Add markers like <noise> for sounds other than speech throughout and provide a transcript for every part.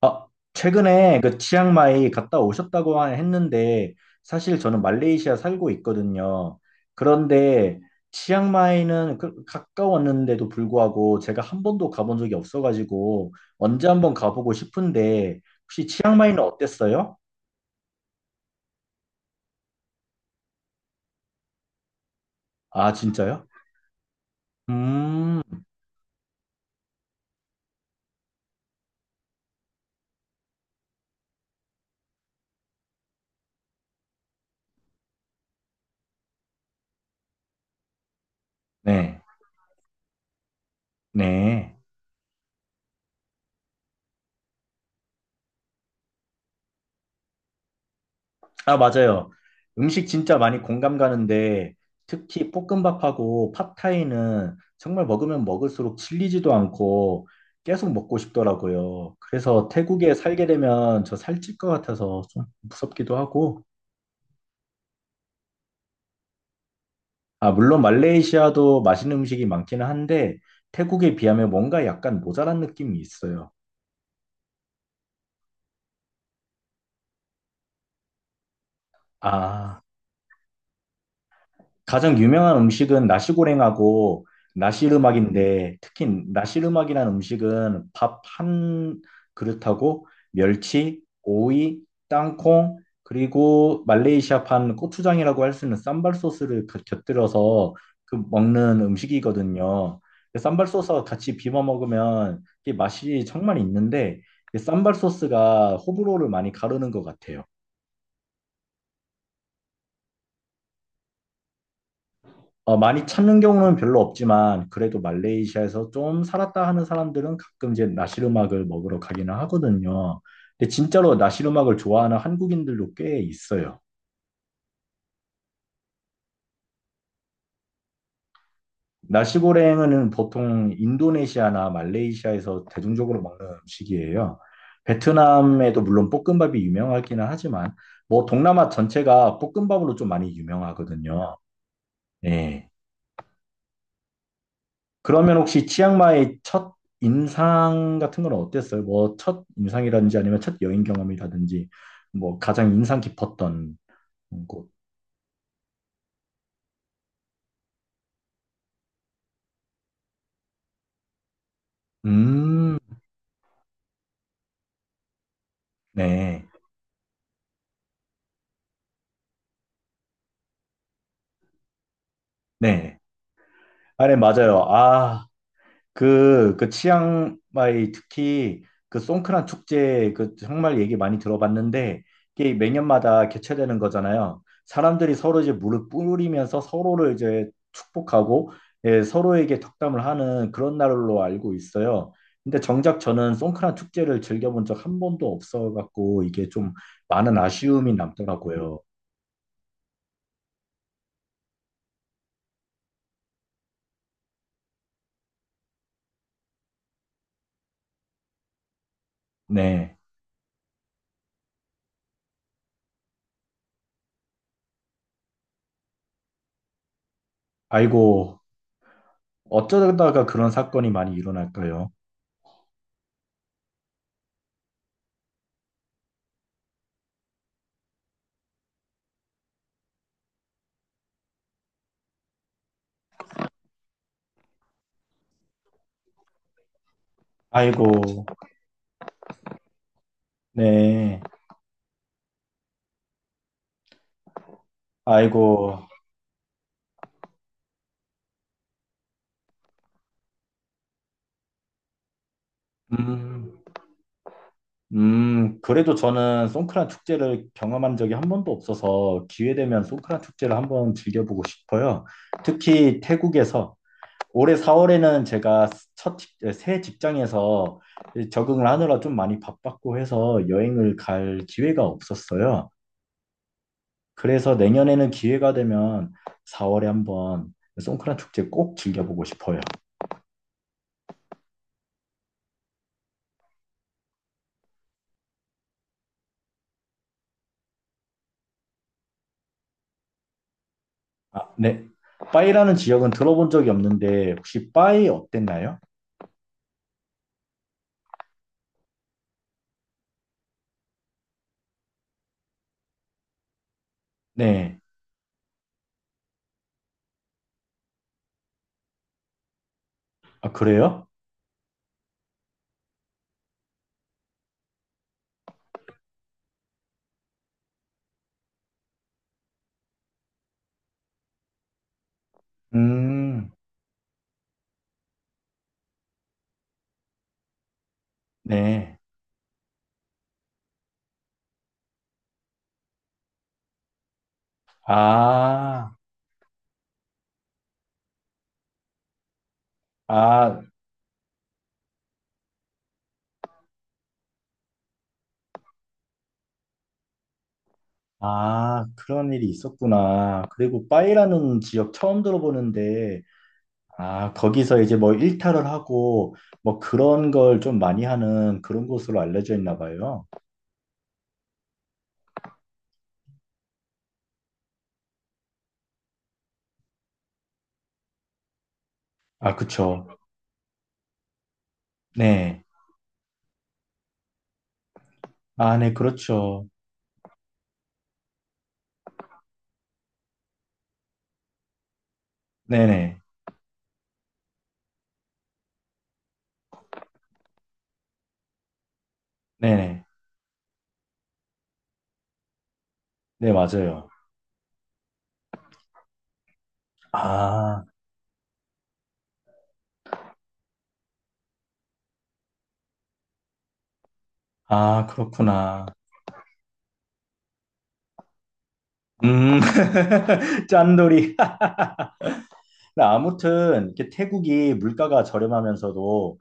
아, 최근에 그 치앙마이 갔다 오셨다고 했는데 사실 저는 말레이시아 살고 있거든요. 그런데 치앙마이는 가까웠는데도 불구하고 제가 한 번도 가본 적이 없어가지고 언제 한번 가보고 싶은데 혹시 치앙마이는 어땠어요? 아, 진짜요? 음, 네, 네. 아, 맞아요. 음식 진짜 많이 공감 가는데 특히 볶음밥하고 팟타이는 정말 먹으면 먹을수록 질리지도 않고 계속 먹고 싶더라고요. 그래서 태국에 살게 되면 저 살찔 것 같아서 좀 무섭기도 하고. 아, 물론 말레이시아도 맛있는 음식이 많기는 한데 태국에 비하면 뭔가 약간 모자란 느낌이 있어요. 아. 가장 유명한 음식은 나시고랭하고 나시르막인데 특히 나시르막이라는 음식은 밥 한 그릇하고 멸치, 오이, 땅콩 그리고 말레이시아판 고추장이라고 할 수 있는 쌈발 소스를 곁들여서 그 먹는 음식이거든요. 그 쌈발 소스와 같이 비벼 먹으면 이게 맛이 정말 있는데 이 쌈발 소스가 호불호를 많이 가르는 것 같아요. 어, 많이 찾는 경우는 별로 없지만 그래도 말레이시아에서 좀 살았다 하는 사람들은 가끔 이제 나시르막을 먹으러 가기는 하거든요. 근데 진짜로 나시르막을 좋아하는 한국인들도 꽤 있어요. 나시고랭은 보통 인도네시아나 말레이시아에서 대중적으로 먹는 음식이에요. 베트남에도 물론 볶음밥이 유명하기는 하지만 뭐 동남아 전체가 볶음밥으로 좀 많이 유명하거든요. 예. 그러면 혹시 치앙마이 첫 인상 같은 건 어땠어요? 뭐 첫 인상이라든지 아니면 첫 여행 경험이라든지 뭐 가장 인상 깊었던 곳. 음, 네, 네. 아, 네, 맞아요. 아, 그 치앙마이 특히 그 송크란 축제 그 정말 얘기 많이 들어봤는데 이게 매년마다 개최되는 거잖아요. 사람들이 서로 이제 물을 뿌리면서 서로를 이제 축복하고 예, 서로에게 덕담을 하는 그런 날로 알고 있어요. 근데 정작 저는 송크란 축제를 즐겨본 적 한 번도 없어 갖고 이게 좀 많은 아쉬움이 남더라고요. 네. 아이고, 어쩌다가 그런 사건이 많이 일어날까요? 아이고, 네. 아이고, 음, 그래도 저는 송크란 축제를 경험한 적이 한 번도 없어서 기회되면 송크란 축제를 한번 즐겨보고 싶어요. 특히 태국에서 올해 4월에는 제가 새 직장에서 적응을 하느라 좀 많이 바빴고 해서 여행을 갈 기회가 없었어요. 그래서 내년에는 기회가 되면 4월에 한번 송크란 축제 꼭 즐겨보고 싶어요. 아, 네. 빠이라는 지역은 들어본 적이 없는데 혹시 빠이 어땠나요? 네. 아, 그래요? 음, 네. 아, 아, 그런 일이 있었구나. 그리고 빠이라는 지역 처음 들어보는데, 아, 거기서 이제 뭐 일탈을 하고, 뭐 그런 걸 좀 많이 하는 그런 곳으로 알려져 있나 봐요. 아, 그쵸. 네. 아, 네, 그렇죠. 네네. 네네. 네, 네. 네, 맞아요. 아, 아, 그렇구나. 음, <laughs> 짠돌이. 근데 아무튼 이렇게 태국이 물가가 저렴하면서도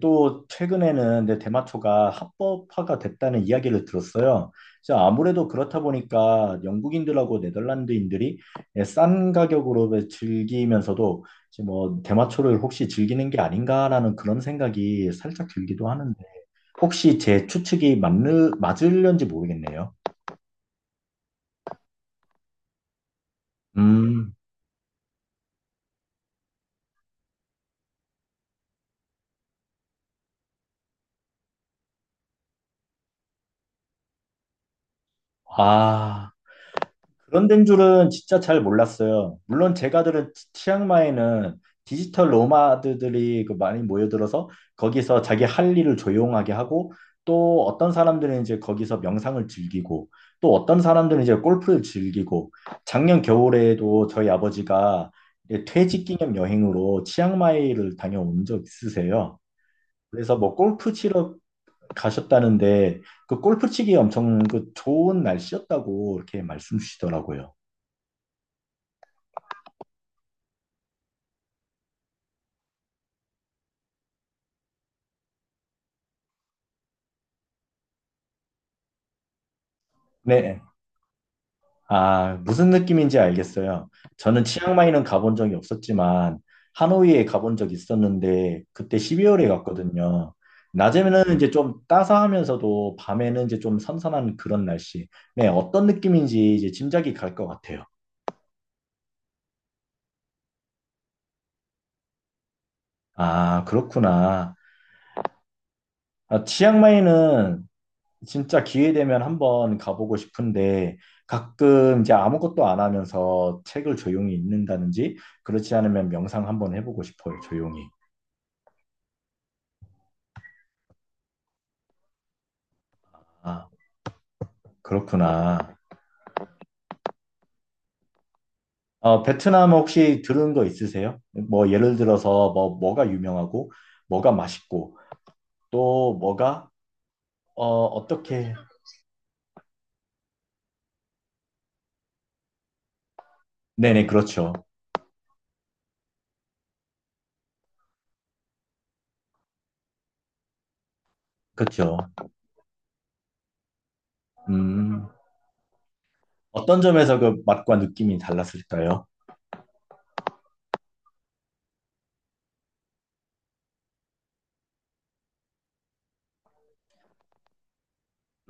또 최근에는 내 대마초가 합법화가 됐다는 이야기를 들었어요. 그래서 아무래도 그렇다 보니까 영국인들하고 네덜란드인들이 예, 싼 가격으로 즐기면서도 이제 뭐 대마초를 혹시 즐기는 게 아닌가라는 그런 생각이 살짝 들기도 하는데 혹시 제 추측이 맞는 맞을런지 모르겠네요. 음, 아. 그런 데인 줄은 진짜 잘 몰랐어요. 물론 제가 들은 치앙마이는 디지털 노마드들이 그 많이 모여들어서 거기서 자기 할 일을 조용하게 하고 또 어떤 사람들은 이제 거기서 명상을 즐기고 또 어떤 사람들은 이제 골프를 즐기고 작년 겨울에도 저희 아버지가 이제 퇴직 기념 여행으로 치앙마이를 다녀온 적 있으세요. 그래서 뭐 골프 치러 가셨다는데 그 골프 치기 엄청 그 좋은 날씨였다고 이렇게 말씀 주시더라고요. 네. 아, 무슨 느낌인지 알겠어요. 저는 치앙마이는 가본 적이 없었지만 하노이에 가본 적이 있었는데 그때 12월에 갔거든요. 낮에는 이제 좀 따사하면서도 밤에는 이제 좀 선선한 그런 날씨. 네, 어떤 느낌인지 이제 짐작이 갈 것 같아요. 아, 그렇구나. 아, 치앙마이는 진짜 기회 되면 한번 가보고 싶은데 가끔 이제 아무것도 안 하면서 책을 조용히 읽는다든지 그렇지 않으면 명상 한번 해보고 싶어요, 조용히. 아, 그렇구나. 어, 베트남 혹시 들은 거 있으세요? 뭐 예를 들어서 뭐 뭐가 유명하고 뭐가 맛있고 또 뭐가 어 어떻게 네네 그렇죠. 그렇죠. 음. 어떤 점에서 그 맛과 느낌이 달랐을까요?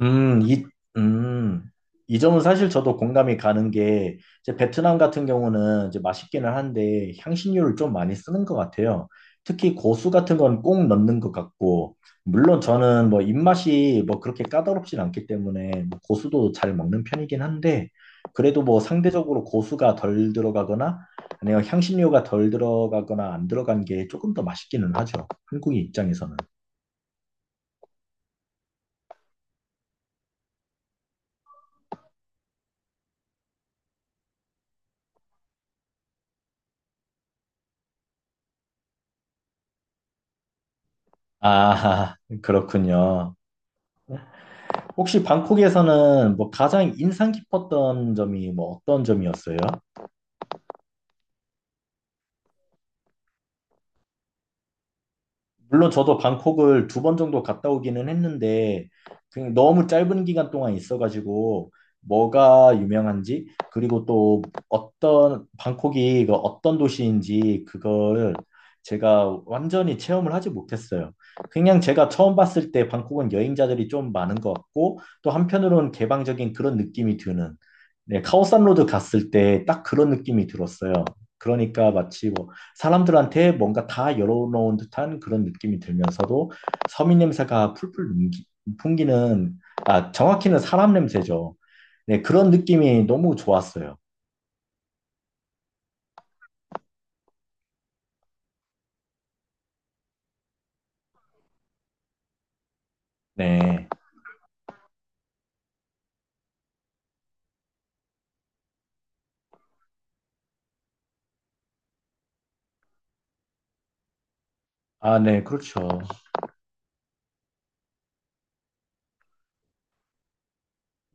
음, 이, 음, 이 점은 사실 저도 공감이 가는 게, 이제 베트남 같은 경우는 이제 맛있기는 한데, 향신료를 좀 많이 쓰는 것 같아요. 특히 고수 같은 건 꼭 넣는 것 같고, 물론 저는 뭐 입맛이 뭐 그렇게 까다롭진 않기 때문에, 뭐 고수도 잘 먹는 편이긴 한데, 그래도 뭐 상대적으로 고수가 덜 들어가거나, 아니면 향신료가 덜 들어가거나 안 들어간 게 조금 더 맛있기는 하죠. 한국인 입장에서는. 아, 그렇군요. 혹시 방콕에서는 뭐 가장 인상 깊었던 점이 뭐 어떤 점이었어요? 물론 저도 방콕을 두 번 정도 갔다 오기는 했는데 그냥 너무 짧은 기간 동안 있어가지고 뭐가 유명한지 그리고 또 어떤 방콕이 그 어떤 도시인지 그걸 제가 완전히 체험을 하지 못했어요. 그냥 제가 처음 봤을 때 방콕은 여행자들이 좀 많은 것 같고 또 한편으로는 개방적인 그런 느낌이 드는 네, 카오산 로드 갔을 때 딱 그런 느낌이 들었어요. 그러니까 마치 뭐 사람들한테 뭔가 다 열어놓은 듯한 그런 느낌이 들면서도 서민 냄새가 풀풀 풍기는, 아, 정확히는 사람 냄새죠. 네, 그런 느낌이 너무 좋았어요. 네. 아, 네, 그렇죠.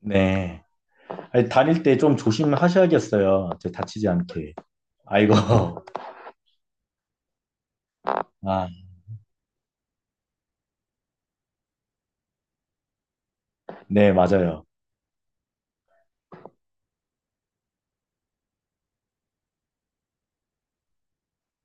네. 아니, 다닐 때 좀 조심하셔야겠어요. 이제 다치지 않게. 아이고. <laughs> 아, 네, 맞아요.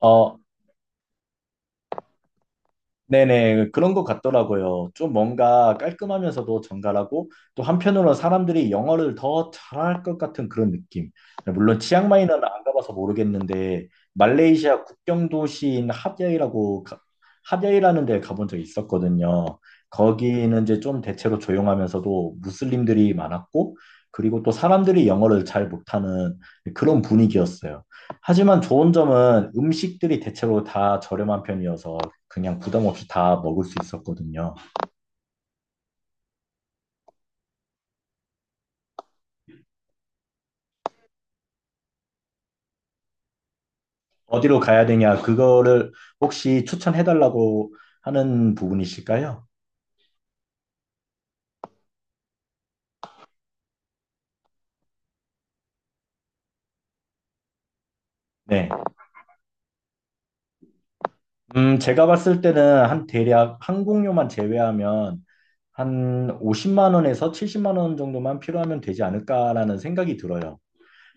어, 네네, 그런 것 같더라고요. 좀 뭔가 깔끔하면서도 정갈하고, 또 한편으로는 사람들이 영어를 더 잘할 것 같은 그런 느낌. 물론 치앙마이는 안 가봐서 모르겠는데, 말레이시아 국경 도시인 핫야이라고, 핫야이라는 데 가본 적이 있었거든요. 거기는 이제 좀 대체로 조용하면서도 무슬림들이 많았고, 그리고 또 사람들이 영어를 잘 못하는 그런 분위기였어요. 하지만 좋은 점은 음식들이 대체로 다 저렴한 편이어서 그냥 부담 없이 다 먹을 수 있었거든요. 어디로 가야 되냐, 그거를 혹시 추천해달라고 하는 부분이실까요? 네. 제가 봤을 때는 한 대략 항공료만 제외하면 한 50만 원에서 70만 원 정도만 필요하면 되지 않을까라는 생각이 들어요.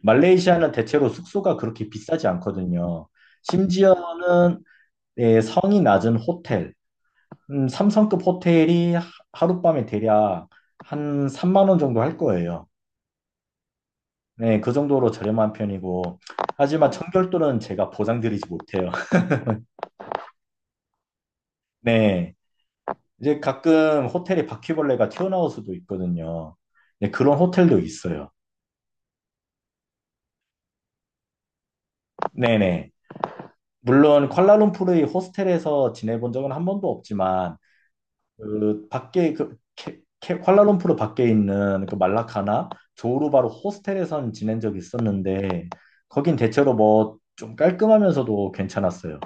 말레이시아는 대체로 숙소가 그렇게 비싸지 않거든요. 심지어는 네, 성이 낮은 호텔, 삼성급 호텔이 하룻밤에 대략 한 3만 원 정도 할 거예요. 네, 그 정도로 저렴한 편이고, 하지만 어, 청결도는 제가 보장드리지 못해요. <laughs> 네, 이제 가끔 호텔에 바퀴벌레가 튀어나올 수도 있거든요. 네, 그런 호텔도 있어요. 네네. 물론 쿠알라룸푸르의 호스텔에서 지내본 적은 한 번도 없지만, 그 밖에 쿠알라룸푸르 밖에 있는 그 말라카나 조우르바로 호스텔에선 지낸 적이 있었는데 거긴 대체로 뭐 좀 깔끔하면서도 괜찮았어요.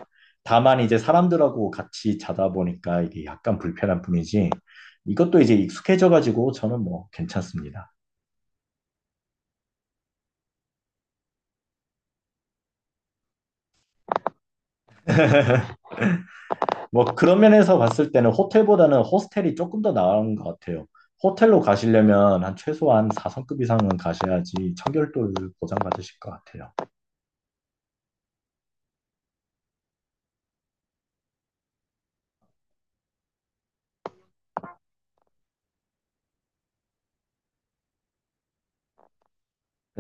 다만 이제 사람들하고 같이 자다 보니까 이게 약간 불편한 뿐이지 이것도 이제 익숙해져 가지고 저는 뭐 괜찮습니다. <laughs> 뭐 그런 면에서 봤을 때는 호텔보다는 호스텔이 조금 더 나은 것 같아요. 호텔로 가시려면 한 최소한 4성급 이상은 가셔야지 청결도를 보장받으실 것 같아요.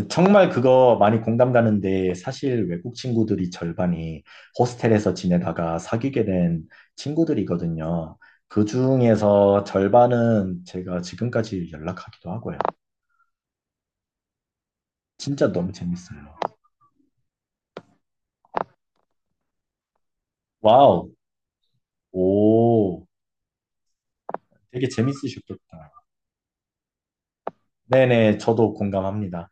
정말 그거 많이 공감 가는데 사실 외국 친구들이 절반이 호스텔에서 지내다가 사귀게 된 친구들이거든요. 그 중에서 절반은 제가 지금까지 연락하기도 하고요. 진짜 너무 재밌어요. 와우, 오, 되게 재밌으셨겠다. 네네, 저도 공감합니다.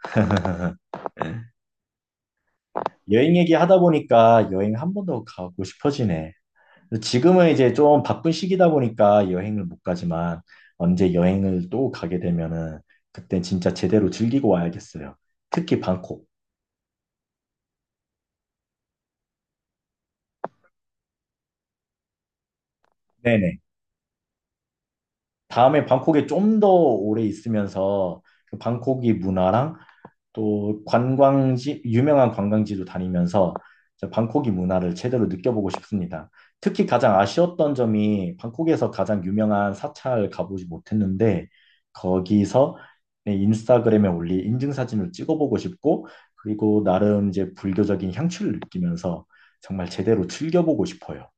여행 얘기하다 보니까 여행 한 번 더 가고 싶어지네. 근데 지금은 이제 좀 바쁜 시기다 보니까 여행을 못 가지만 언제 여행을 또 가게 되면은 그때 진짜 제대로 즐기고 와야겠어요. 특히 방콕. 네네. 다음에 방콕에 좀 더 오래 있으면서 그 방콕이 문화랑 또 관광지, 유명한 관광지도 다니면서 저 방콕이 문화를 제대로 느껴보고 싶습니다. 특히 가장 아쉬웠던 점이 방콕에서 가장 유명한 사찰 가보지 못했는데 거기서 내 인스타그램에 올린 인증사진을 찍어보고 싶고 그리고 나름 이제 불교적인 향취를 느끼면서 정말 제대로 즐겨보고 싶어요.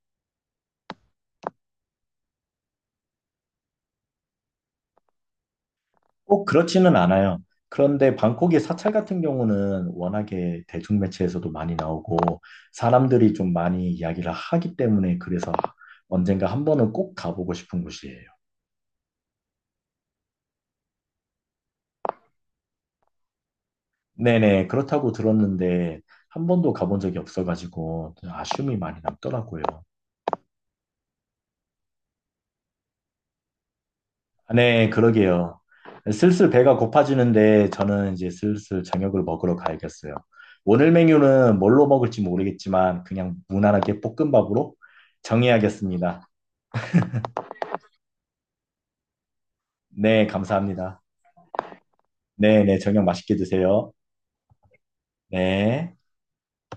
꼭 그렇지는 않아요. 그런데 방콕의 사찰 같은 경우는 워낙에 대중매체에서도 많이 나오고 사람들이 좀 많이 이야기를 하기 때문에 그래서 언젠가 한 번은 꼭 가보고 싶은 곳이에요. 네네, 그렇다고 들었는데 한 번도 가본 적이 없어가지고 아쉬움이 많이 남더라고요. 네, 그러게요. 슬슬 배가 고파지는데 저는 이제 슬슬 저녁을 먹으러 가야겠어요. 오늘 메뉴는 뭘로 먹을지 모르겠지만 그냥 무난하게 볶음밥으로 정해야겠습니다. 네, 감사합니다. 네, 네, 저녁 맛있게 드세요. 네.